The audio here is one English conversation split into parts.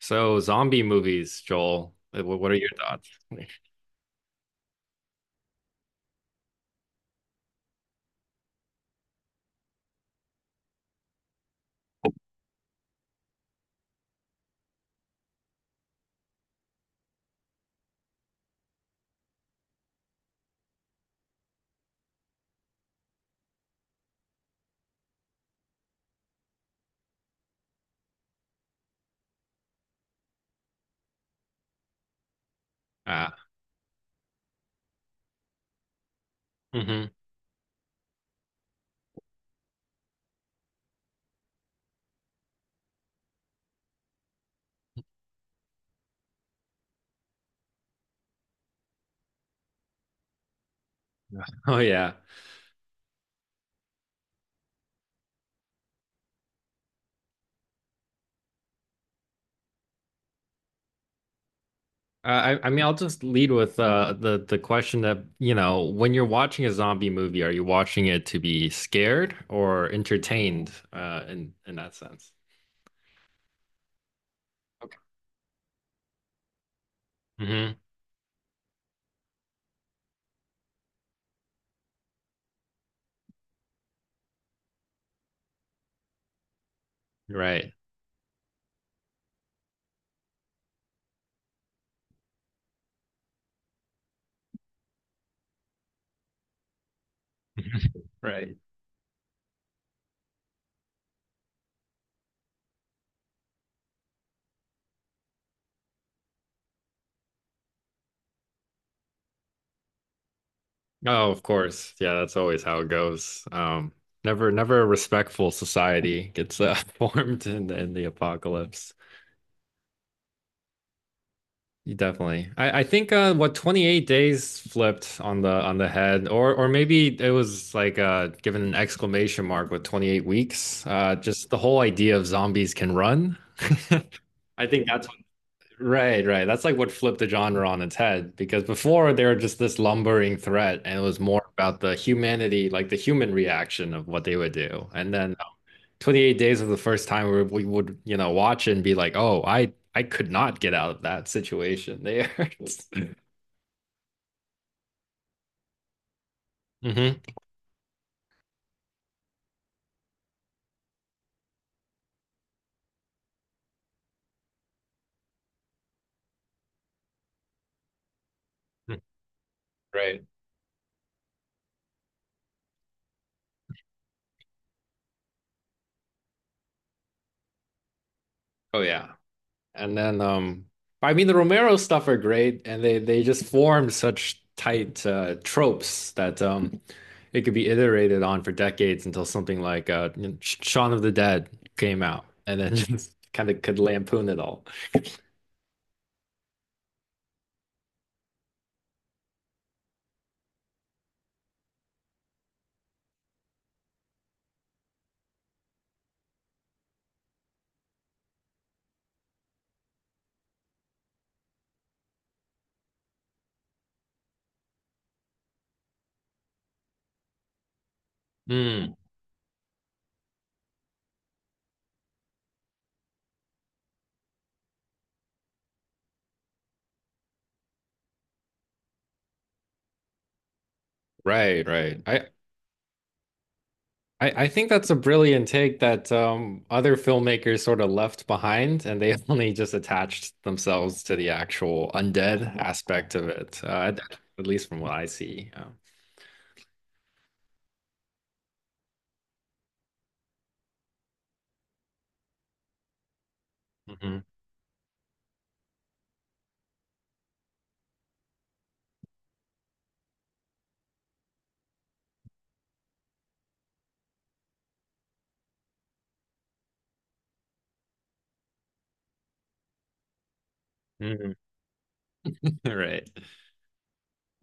So zombie movies, Joel. What are your thoughts? Ah, mhm. Oh yeah. Uh, I mean, I'll just lead with the question that when you're watching a zombie movie, are you watching it to be scared or entertained? In that sense. Okay. Hmm. Right. Right. Oh, of course. Yeah, that's always how it goes. Never a respectful society gets formed in the apocalypse. You definitely. I think what 28 days flipped on the head, or maybe it was like given an exclamation mark with 28 weeks. Just the whole idea of zombies can run. I think that's what, right, right. That's like what flipped the genre on its head, because before they were just this lumbering threat and it was more about the humanity, like the human reaction of what they would do. And then 28 Days was the first time where we would, you know, watch and be like, oh, I could not get out of that situation there. Mm-hmm. Right. Oh yeah. And then I mean the Romero stuff are great and they just form such tight tropes that it could be iterated on for decades until something like you know, Shaun of the Dead came out, and then just kind of could lampoon it all. Mm, right, right. I think that's a brilliant take that other filmmakers sort of left behind, and they only just attached themselves to the actual undead aspect of it, at least from what I see. Mhm, mhm. Right.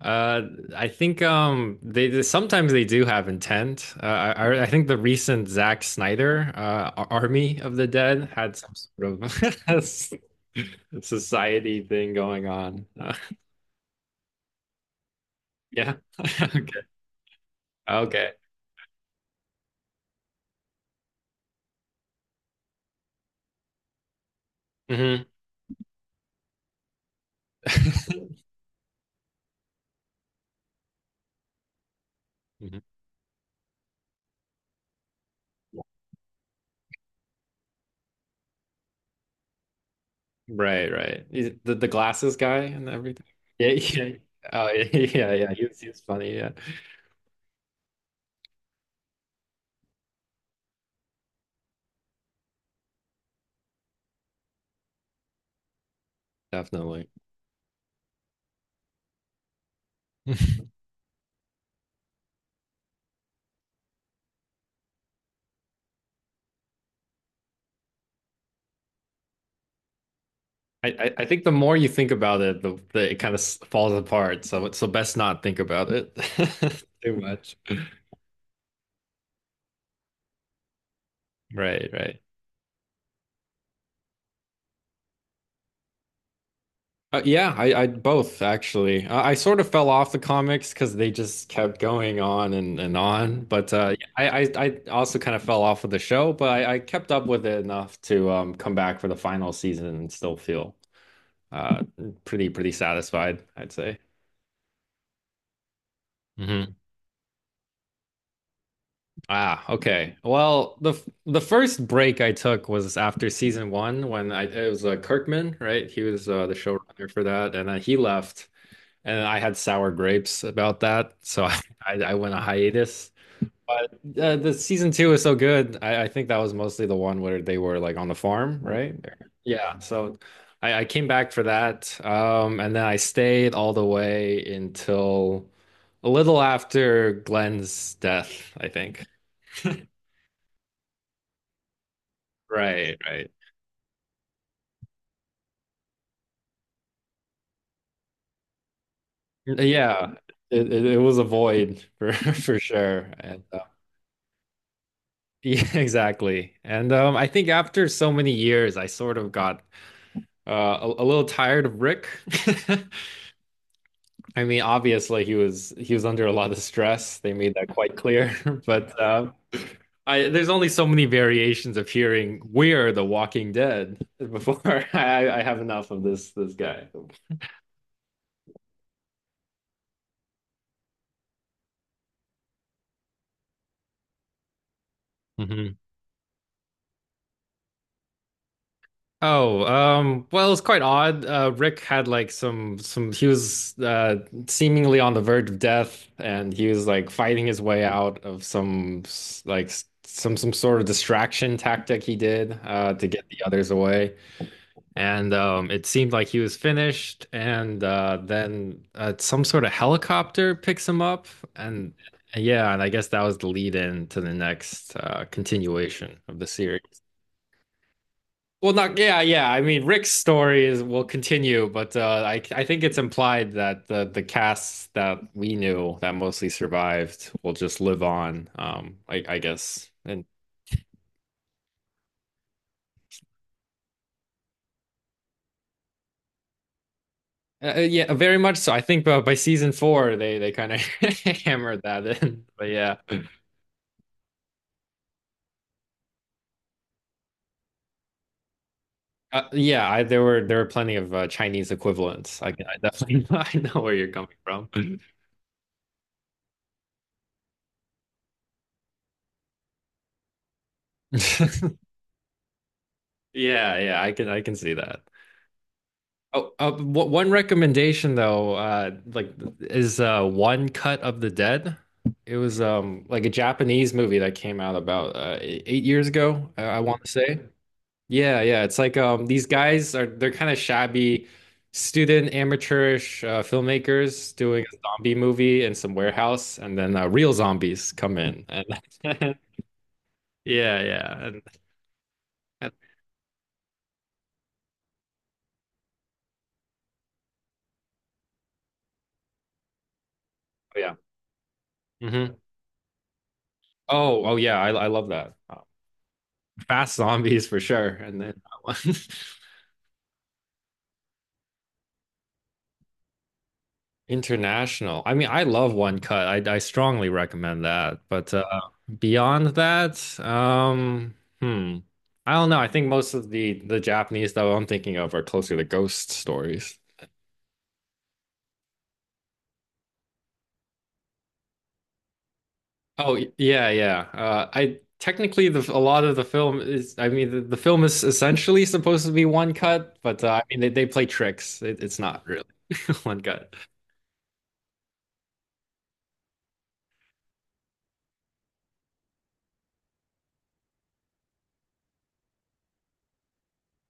Uh, I think sometimes they do have intent. I think the recent Zack Snyder Army of the Dead had some sort of society thing going on. Yeah. Okay. Okay. Mhm. Mm-hmm. Right, right. The glasses guy and everything. Yeah, yeah. Oh, yeah, yeah. He was funny. Yeah, definitely. I think the more you think about it, the it kind of falls apart. So best not think about it too much. Right, right. Yeah, I both actually. I sort of fell off the comics because they just kept going on and on. But I also kind of fell off of the show, but I kept up with it enough to come back for the final season and still feel uh, pretty pretty satisfied, I'd say. Hmm. Ah, okay. Well, the first break I took was after season one when I it was Kirkman, right? He was the showrunner for that, and he left. And I had sour grapes about that, so I went a hiatus. But the season two was so good. I think that was mostly the one where they were like on the farm, right? Yeah. So I came back for that, and then I stayed all the way until a little after Glenn's death, I think. Right, right. Yeah, it was a void for for sure. And yeah, exactly. And I think after so many years, I sort of got uh, a little tired of Rick. I mean, obviously he was under a lot of stress. They made that quite clear. But there's only so many variations of hearing "We're the Walking Dead" before I have enough of this guy. Mhm. Oh, well, it's quite odd. Rick had like some he was seemingly on the verge of death and he was like fighting his way out of some s- like s- some sort of distraction tactic he did to get the others away. And it seemed like he was finished, and then some sort of helicopter picks him up. And yeah, and I guess that was the lead in to the next continuation of the series. Well, not yeah, yeah. I mean, Rick's story is will continue, but I think it's implied that the casts that we knew that mostly survived will just live on. I guess. And Yeah, very much so. I think by season four, they kind of hammered that in. But yeah, yeah. There were there were plenty of Chinese equivalents. I definitely I know where you're coming from. Yeah, yeah. I can see that. Oh, one recommendation though, like is One Cut of the Dead. It was like a Japanese movie that came out about 8 years ago, I want to say. Yeah, yeah. It's like these guys are they're kind of shabby student amateurish filmmakers doing a zombie movie in some warehouse, and then real zombies come in. And yeah, yeah, and- oh, yeah. Hmm. Oh, oh yeah, I love that. Fast Zombies for sure, and then that one. International. I mean, I love One Cut. I strongly recommend that. But beyond that, hmm, I don't know. I think most of the Japanese that I'm thinking of are closer to ghost stories. Yeah, yeah. I Technically the a lot of the film is. I mean, the film is essentially supposed to be one cut, but I mean they play tricks. It, it's not really one cut.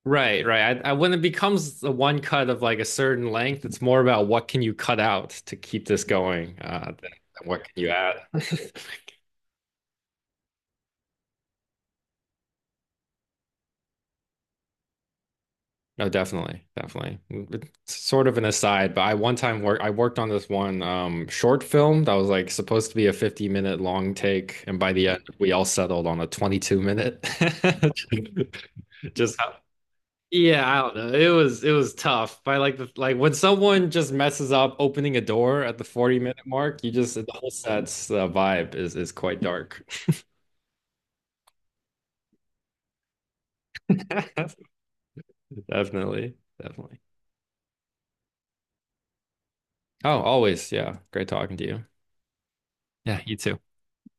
Right, right. When it becomes the one cut of like a certain length, it's more about what can you cut out to keep this going, than what can you add? No, definitely, definitely. It's sort of an aside, but I worked on this one short film that was like supposed to be a 50-minute long take, and by the end we all settled on a 22 minute. Just yeah, I don't know. It was tough. By like the like When someone just messes up opening a door at the 40-minute mark, you just the whole set's vibe is quite dark. Definitely. Definitely. Oh, always. Yeah. Great talking to you. Yeah, you too.